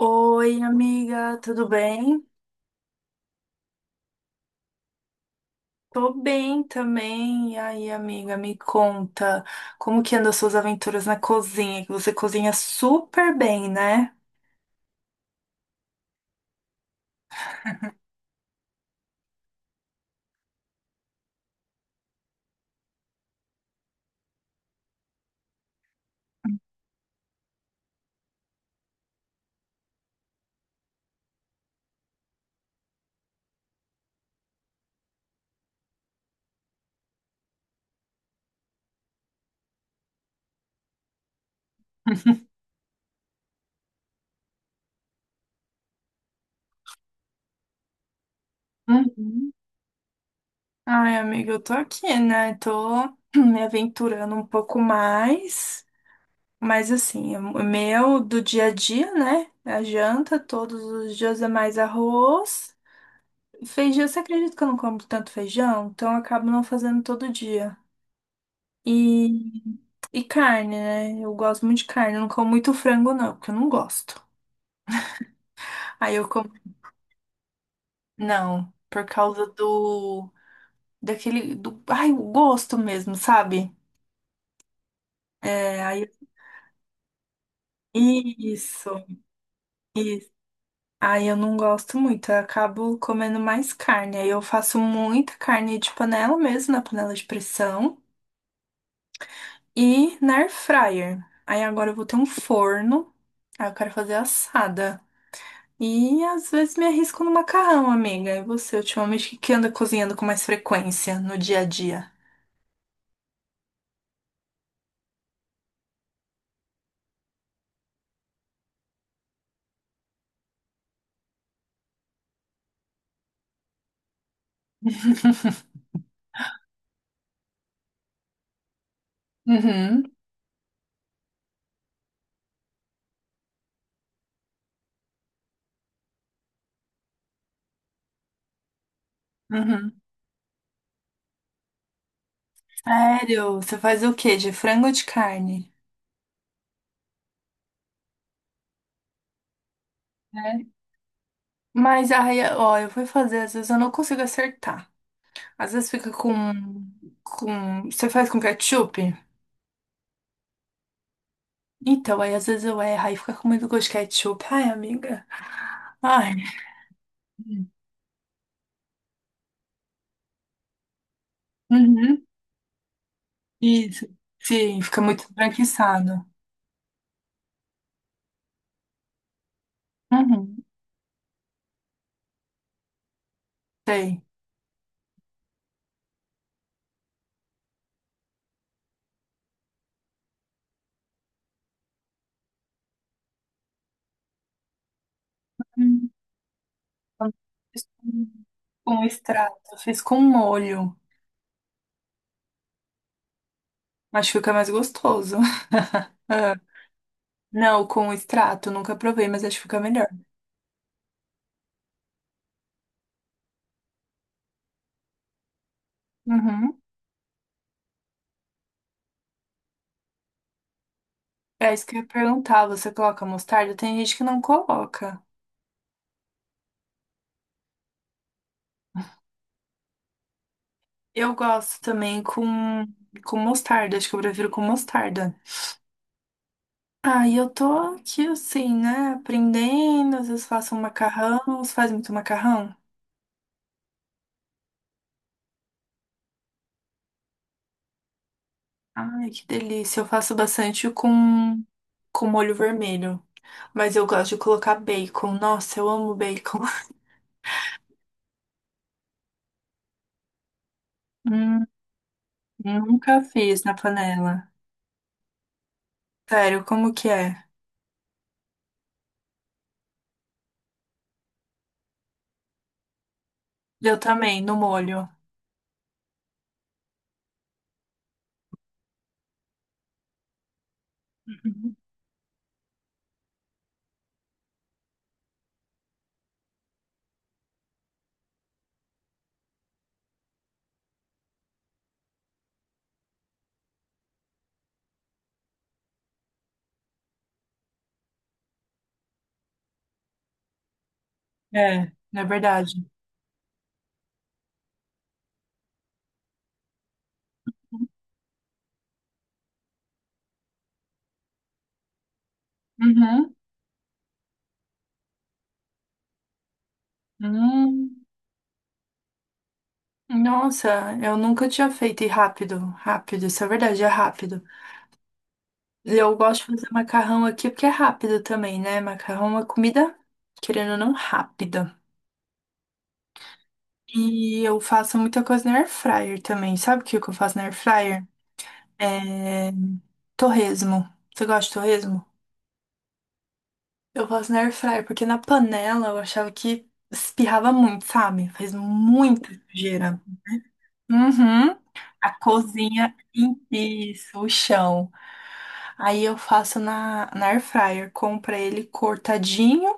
Oi, amiga, tudo bem? Tô bem também. E aí, amiga, me conta, como que andam as suas aventuras na cozinha? Que você cozinha super bem, né? Uhum. Ai, amiga, eu tô aqui, né? Tô me aventurando um pouco mais, mas assim, o meu do dia a dia, né? A janta, todos os dias é mais arroz. Feijão, você acredita que eu não como tanto feijão? Então eu acabo não fazendo todo dia. e E carne, né? Eu gosto muito de carne. Eu não como muito frango, não, porque eu não gosto. Aí eu como. Não, por causa do. Daquele. Do... Ai, o gosto mesmo, sabe? É, aí. Isso, isso. Aí eu não gosto muito. Eu acabo comendo mais carne. Aí eu faço muita carne de panela mesmo, na panela de pressão. E na air fryer. Aí agora eu vou ter um forno. Aí eu quero fazer assada. E às vezes me arrisco no macarrão, amiga. E você, ultimamente, o que que anda cozinhando com mais frequência no dia a dia? Uhum, uhum. Sério? Você faz o quê? De frango ou de carne? É. Mas aí, ó, eu fui fazer, às vezes eu não consigo acertar. Às vezes fica com, Você faz com ketchup? Então, aí às vezes eu erro, aí fica com muito gosto de ketchup. Ai, amiga. Ai. Uhum. Isso. Sim, fica muito esbranquiçado. Uhum, sei. Eu não Fiz com extrato, eu fiz com molho, mas fica mais gostoso. Ah, não, com extrato, nunca provei, mas acho que fica melhor. Uhum. É isso que eu ia perguntar, você coloca mostarda? Tem gente que não coloca. Eu gosto também com mostarda, acho que eu prefiro com mostarda. Ah, e eu tô aqui assim, né, aprendendo, às vezes faço um macarrão, você faz muito macarrão? Ai, que delícia. Eu faço bastante com molho vermelho. Mas eu gosto de colocar bacon. Nossa, eu amo bacon. Hum, nunca fiz na panela. Sério, como que é? Eu também, no molho. Uhum. É, é verdade. Uhum. Hum, nossa, eu nunca tinha feito e rápido, rápido, isso é verdade, é rápido. Eu gosto de fazer macarrão aqui porque é rápido também, né? Macarrão é uma comida, querendo ou não, rápida. E eu faço muita coisa na air fryer também. Sabe o que que eu faço na air fryer? É torresmo. Você gosta de torresmo? Eu faço na air fryer porque na panela eu achava que espirrava muito, sabe? Faz muita sujeira. Uhum. A cozinha em si, isso, o chão. Aí eu faço na air fryer, compro ele cortadinho,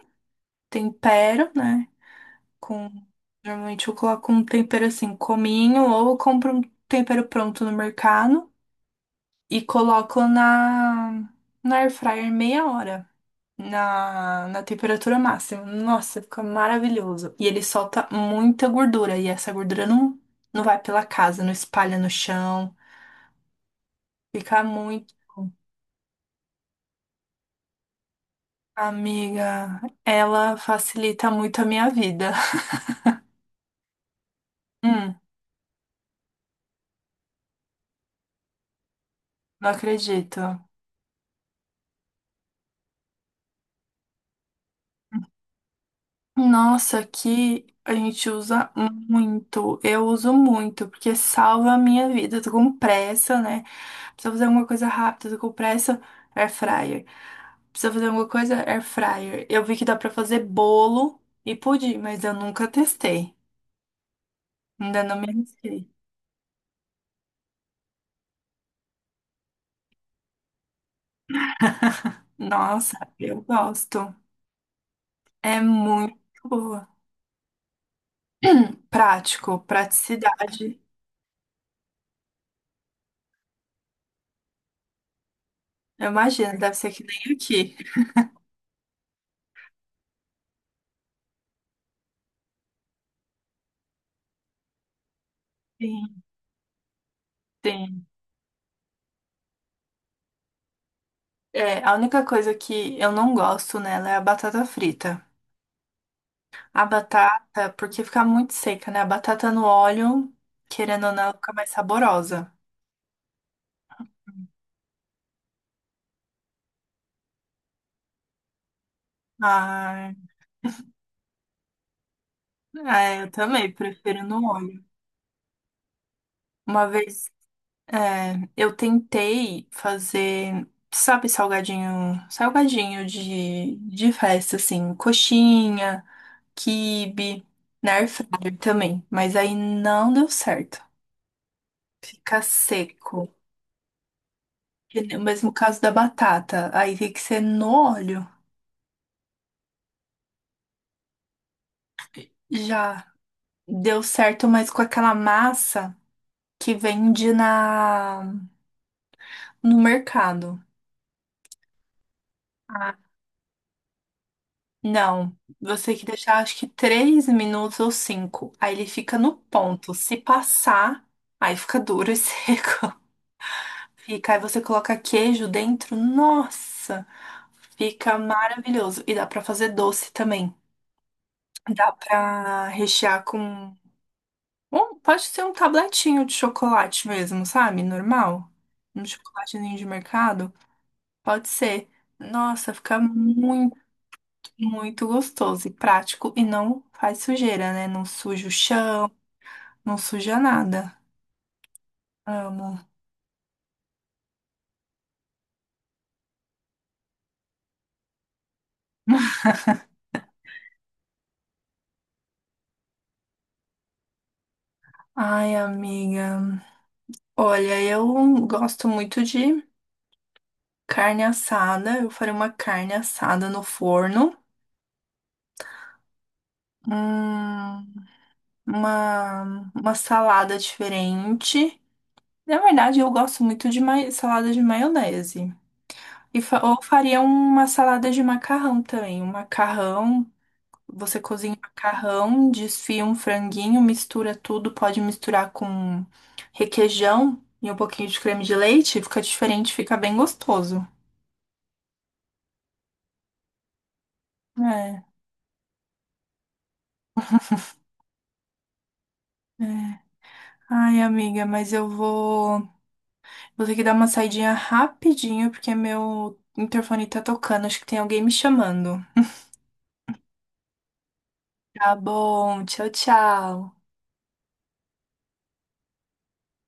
tempero, né? Com, normalmente eu coloco um tempero assim, cominho, ou eu compro um tempero pronto no mercado e coloco na air fryer meia hora, na temperatura máxima. Nossa, fica maravilhoso. E ele solta muita gordura, e essa gordura não vai pela casa, não espalha no chão. Fica muito bom. Amiga, ela facilita muito a minha vida. Hum, não acredito. Nossa, aqui a gente usa muito. Eu uso muito, porque salva a minha vida. Eu tô com pressa, né? Precisa fazer alguma coisa rápida, eu tô com pressa, air fryer. Precisa fazer alguma coisa, air fryer. Eu vi que dá pra fazer bolo e pudim, mas eu nunca testei. Ainda não me arrisquei. Nossa, eu gosto. É muito boa. Prático, praticidade. Eu imagino, deve ser que nem aqui. Sim, sim. É, a única coisa que eu não gosto nela é a batata frita. A batata, porque fica muito seca, né? A batata no óleo, querendo ou não, ela fica mais saborosa. Ah, é, eu também prefiro no óleo. Uma vez, é, eu tentei fazer, sabe, salgadinho, salgadinho de festa, assim, coxinha, quibe, na air fryer também, mas aí não deu certo. Fica seco. E o mesmo caso da batata. Aí tem que ser no óleo. Já deu certo, mas com aquela massa que vende na no mercado. Ah, não, você tem que deixar acho que 3 minutos ou cinco. Aí ele fica no ponto. Se passar, aí fica duro e seco. Fica, aí você coloca queijo dentro. Nossa, fica maravilhoso. E dá pra fazer doce também. Dá pra rechear com... Ou pode ser um tabletinho de chocolate mesmo, sabe? Normal. Um chocolatezinho de mercado. Pode ser. Nossa, fica muito, muito gostoso e prático e não faz sujeira, né? Não suja o chão, não suja nada. Amo. Ai, amiga. Olha, eu gosto muito de carne assada. Eu farei uma carne assada no forno. Hum, uma salada diferente. Na verdade, eu gosto muito de salada de maionese. E ou faria uma salada de macarrão também. Um macarrão, você cozinha o macarrão, desfia um franguinho, mistura tudo, pode misturar com requeijão e um pouquinho de creme de leite, fica diferente, fica bem gostoso. É. É. Ai, amiga, mas eu vou. Vou ter que dar uma saidinha rapidinho, porque meu interfone tá tocando. Acho que tem alguém me chamando. Tá bom, tchau, tchau.